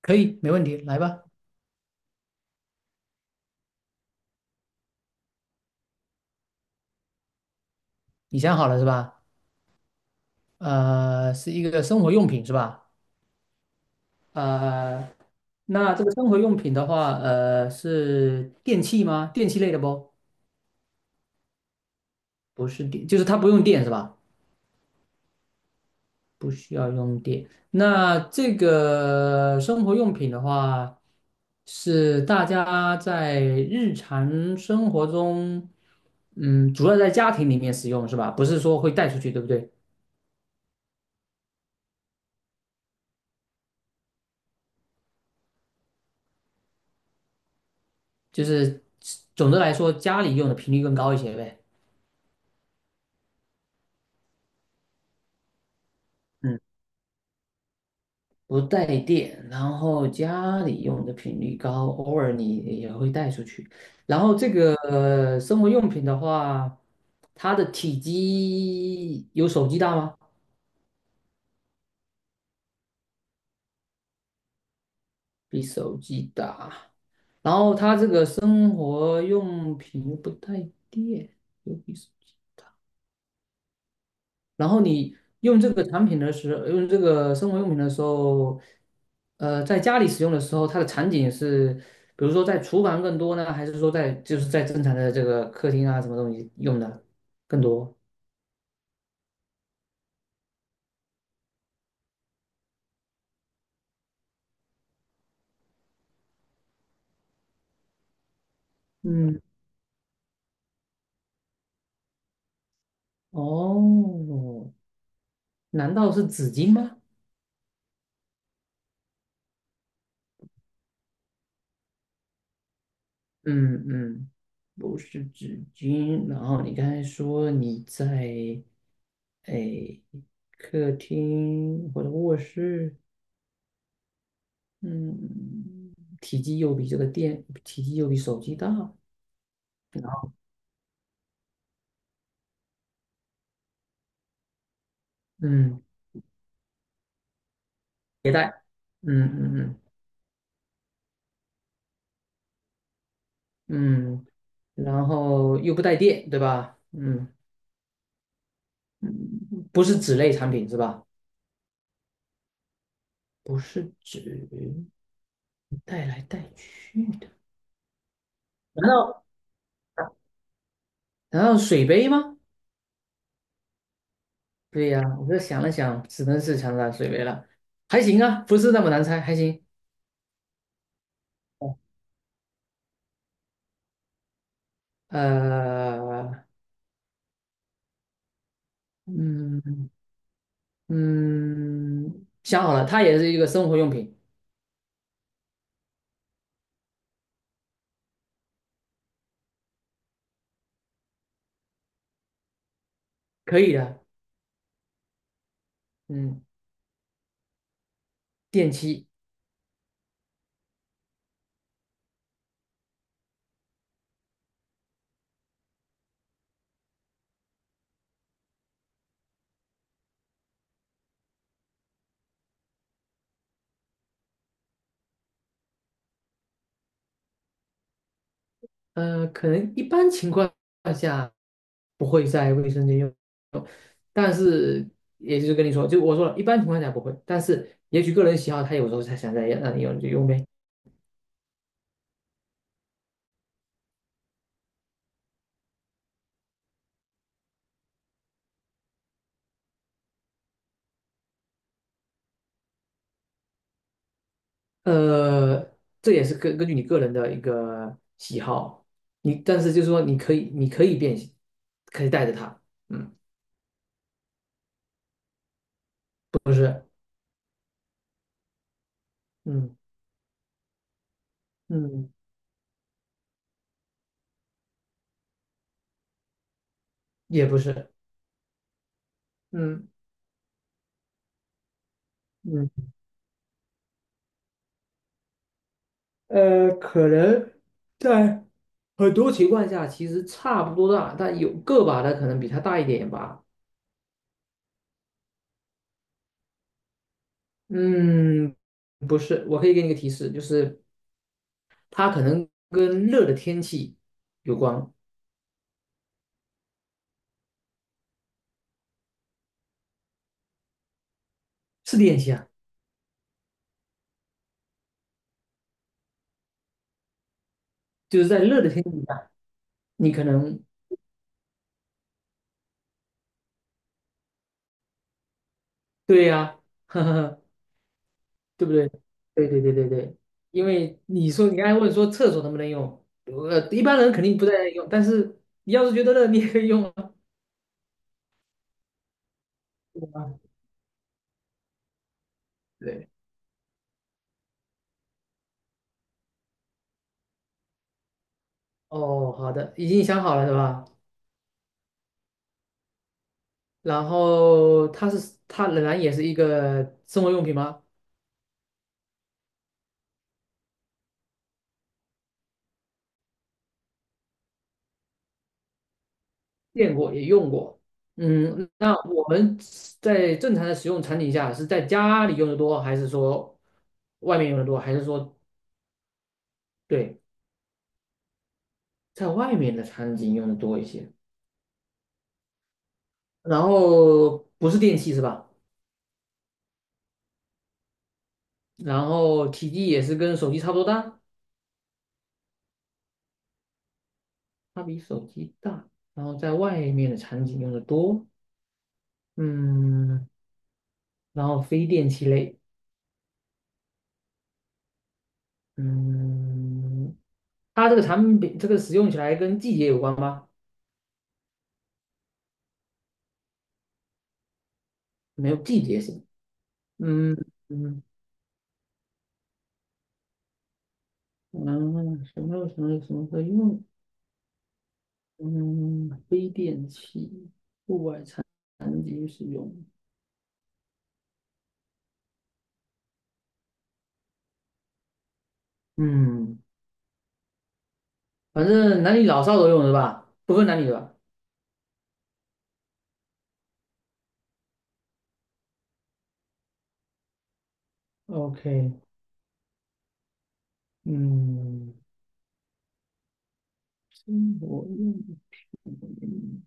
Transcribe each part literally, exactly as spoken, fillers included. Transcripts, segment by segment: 可以，没问题，来吧，你想好了是吧？呃，是一个生活用品是吧？呃，那这个生活用品的话，呃，是电器吗？电器类的不？不是电，就是它不用电是吧？不需要用电。那这个生活用品的话，是大家在日常生活中，嗯，主要在家庭里面使用是吧？不是说会带出去，对不对？就是总的来说，家里用的频率更高一些呗。嗯，不带电，然后家里用的频率高，偶尔你也会带出去。然后这个呃生活用品的话，它的体积有手机大吗？比手机大。然后它这个生活用品又不带电，又比手机。大。然后你用这个产品的时候，用这个生活用品的时候，呃，在家里使用的时候，它的场景是，比如说在厨房更多呢，还是说在就是在正常的这个客厅啊什么东西用的更多？嗯，哦，难道是纸巾吗？嗯嗯，不是纸巾。然后你刚才说你在诶客厅或者卧室。嗯，体积又比这个电，体积又比手机大，然后嗯，携带，嗯嗯嗯嗯，然后又不带电，对吧？嗯，不是纸类产品是吧？不是纸，带来带去的，难道难道水杯吗？对呀，我这想了想，只能是长沙水杯了，还行啊，不是那么难猜，还行。哦呃，嗯嗯，想好了，它也是一个生活用品。可以的，嗯，电器，呃，可能一般情况下不会在卫生间用，但是也就是跟你说，就我说了，一般情况下不会，但是也许个人喜好，他有时候他想在让你用你就用呗，呃，这也是根根据你个人的一个喜好，你但是就是说你可以你可以变形，可以带着它，嗯嗯嗯，也不是，嗯嗯。呃，可能在很多情况下其实差不多大，但有个把的可能比它大一点吧。嗯，不是，我可以给你个提示，就是它可能跟热的天气有关，是练习啊，就是在热的天气下，你可能对呀、呵呵呵，对不对？对对对对对，因为你说你刚才问说厕所能不能用，呃，一般人肯定不在那里用，但是你要是觉得热，你也可以用啊，对吧？对哦，好的，已经想好了是吧？然后它是它仍然也是一个生活用品吗？见过也用过。嗯，那我们在正常的使用场景下是在家里用的多，还是说外面用的多，还是说对在外面的场景用的多一些？然后不是电器是吧？然后体积也是跟手机差不多大，它比手机大，然后在外面的场景用的多。嗯，然后非电器类。嗯，它这个产品这个使用起来跟季节有关吗？没有季节性。嗯嗯嗯，什么什么什么可以用？嗯，非电器，户外产品使用。嗯，反正男女老少都用是吧？不分男女的吧？OK，嗯，生活用品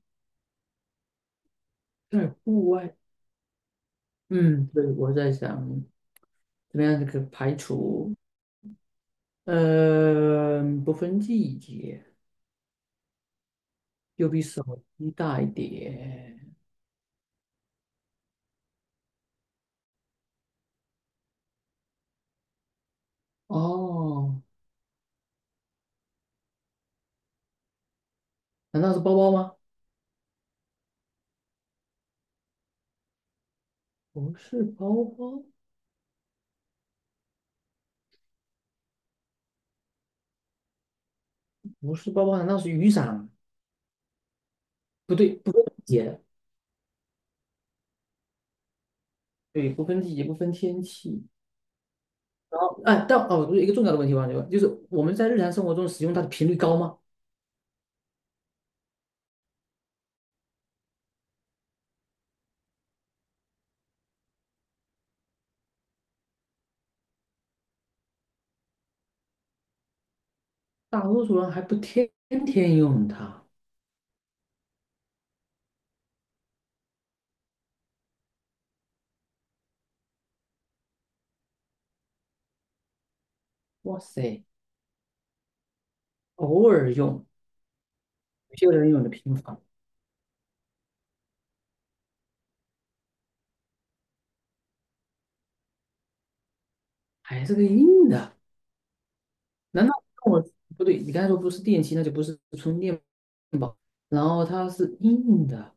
在户外。嗯，对，我在想怎么样这个排除，呃，不分季节。又比手机大一点。哦，难道是包包吗？不是包包，不是包包，难道是雨伞？不对，不分季节，对，不分季节，不分天气。然后，哎，但哦，一个重要的问题忘记问，就是我们在日常生活中使用它的频率高吗？大多数人还不天天用它。哇塞，偶尔用，有些人用的频繁，还是个硬的。难道跟我不对？你刚才说不是电器，那就不是充电宝。然后它是硬的，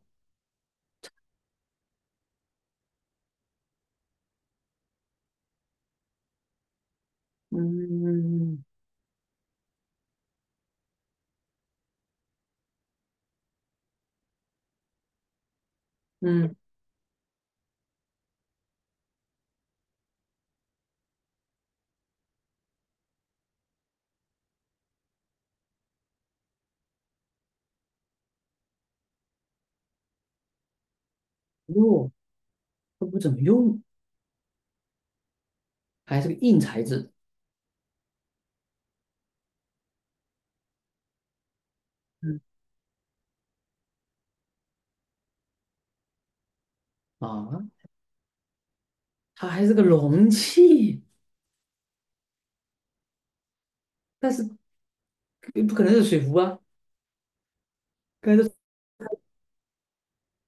嗯嗯，哟，都不怎么用，还是个硬材质嗯，啊，它还是个容器，但是不可能是水壶啊，该是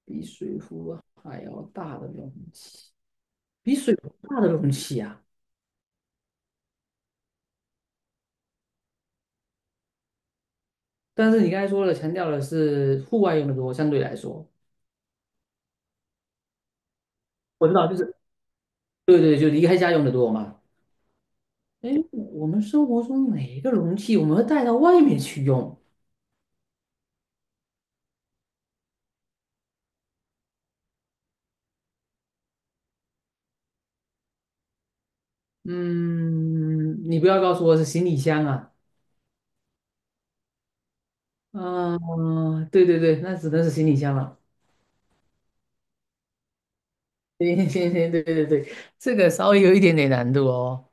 比水壶还要大的容器，比水壶大的容器啊。但是你刚才说了，强调的是户外用的多，相对来说，我知道，就是对对，就离开家用的多嘛。哎，我们生活中哪一个容器我们会带到外面去用？嗯，你不要告诉我是行李箱啊。嗯，对对对，那只能是行李箱了。行行行，对对对，这个稍微有一点点难度哦。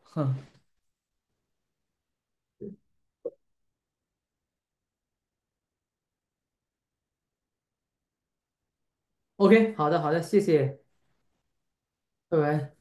OK，好的好的，谢谢，拜拜。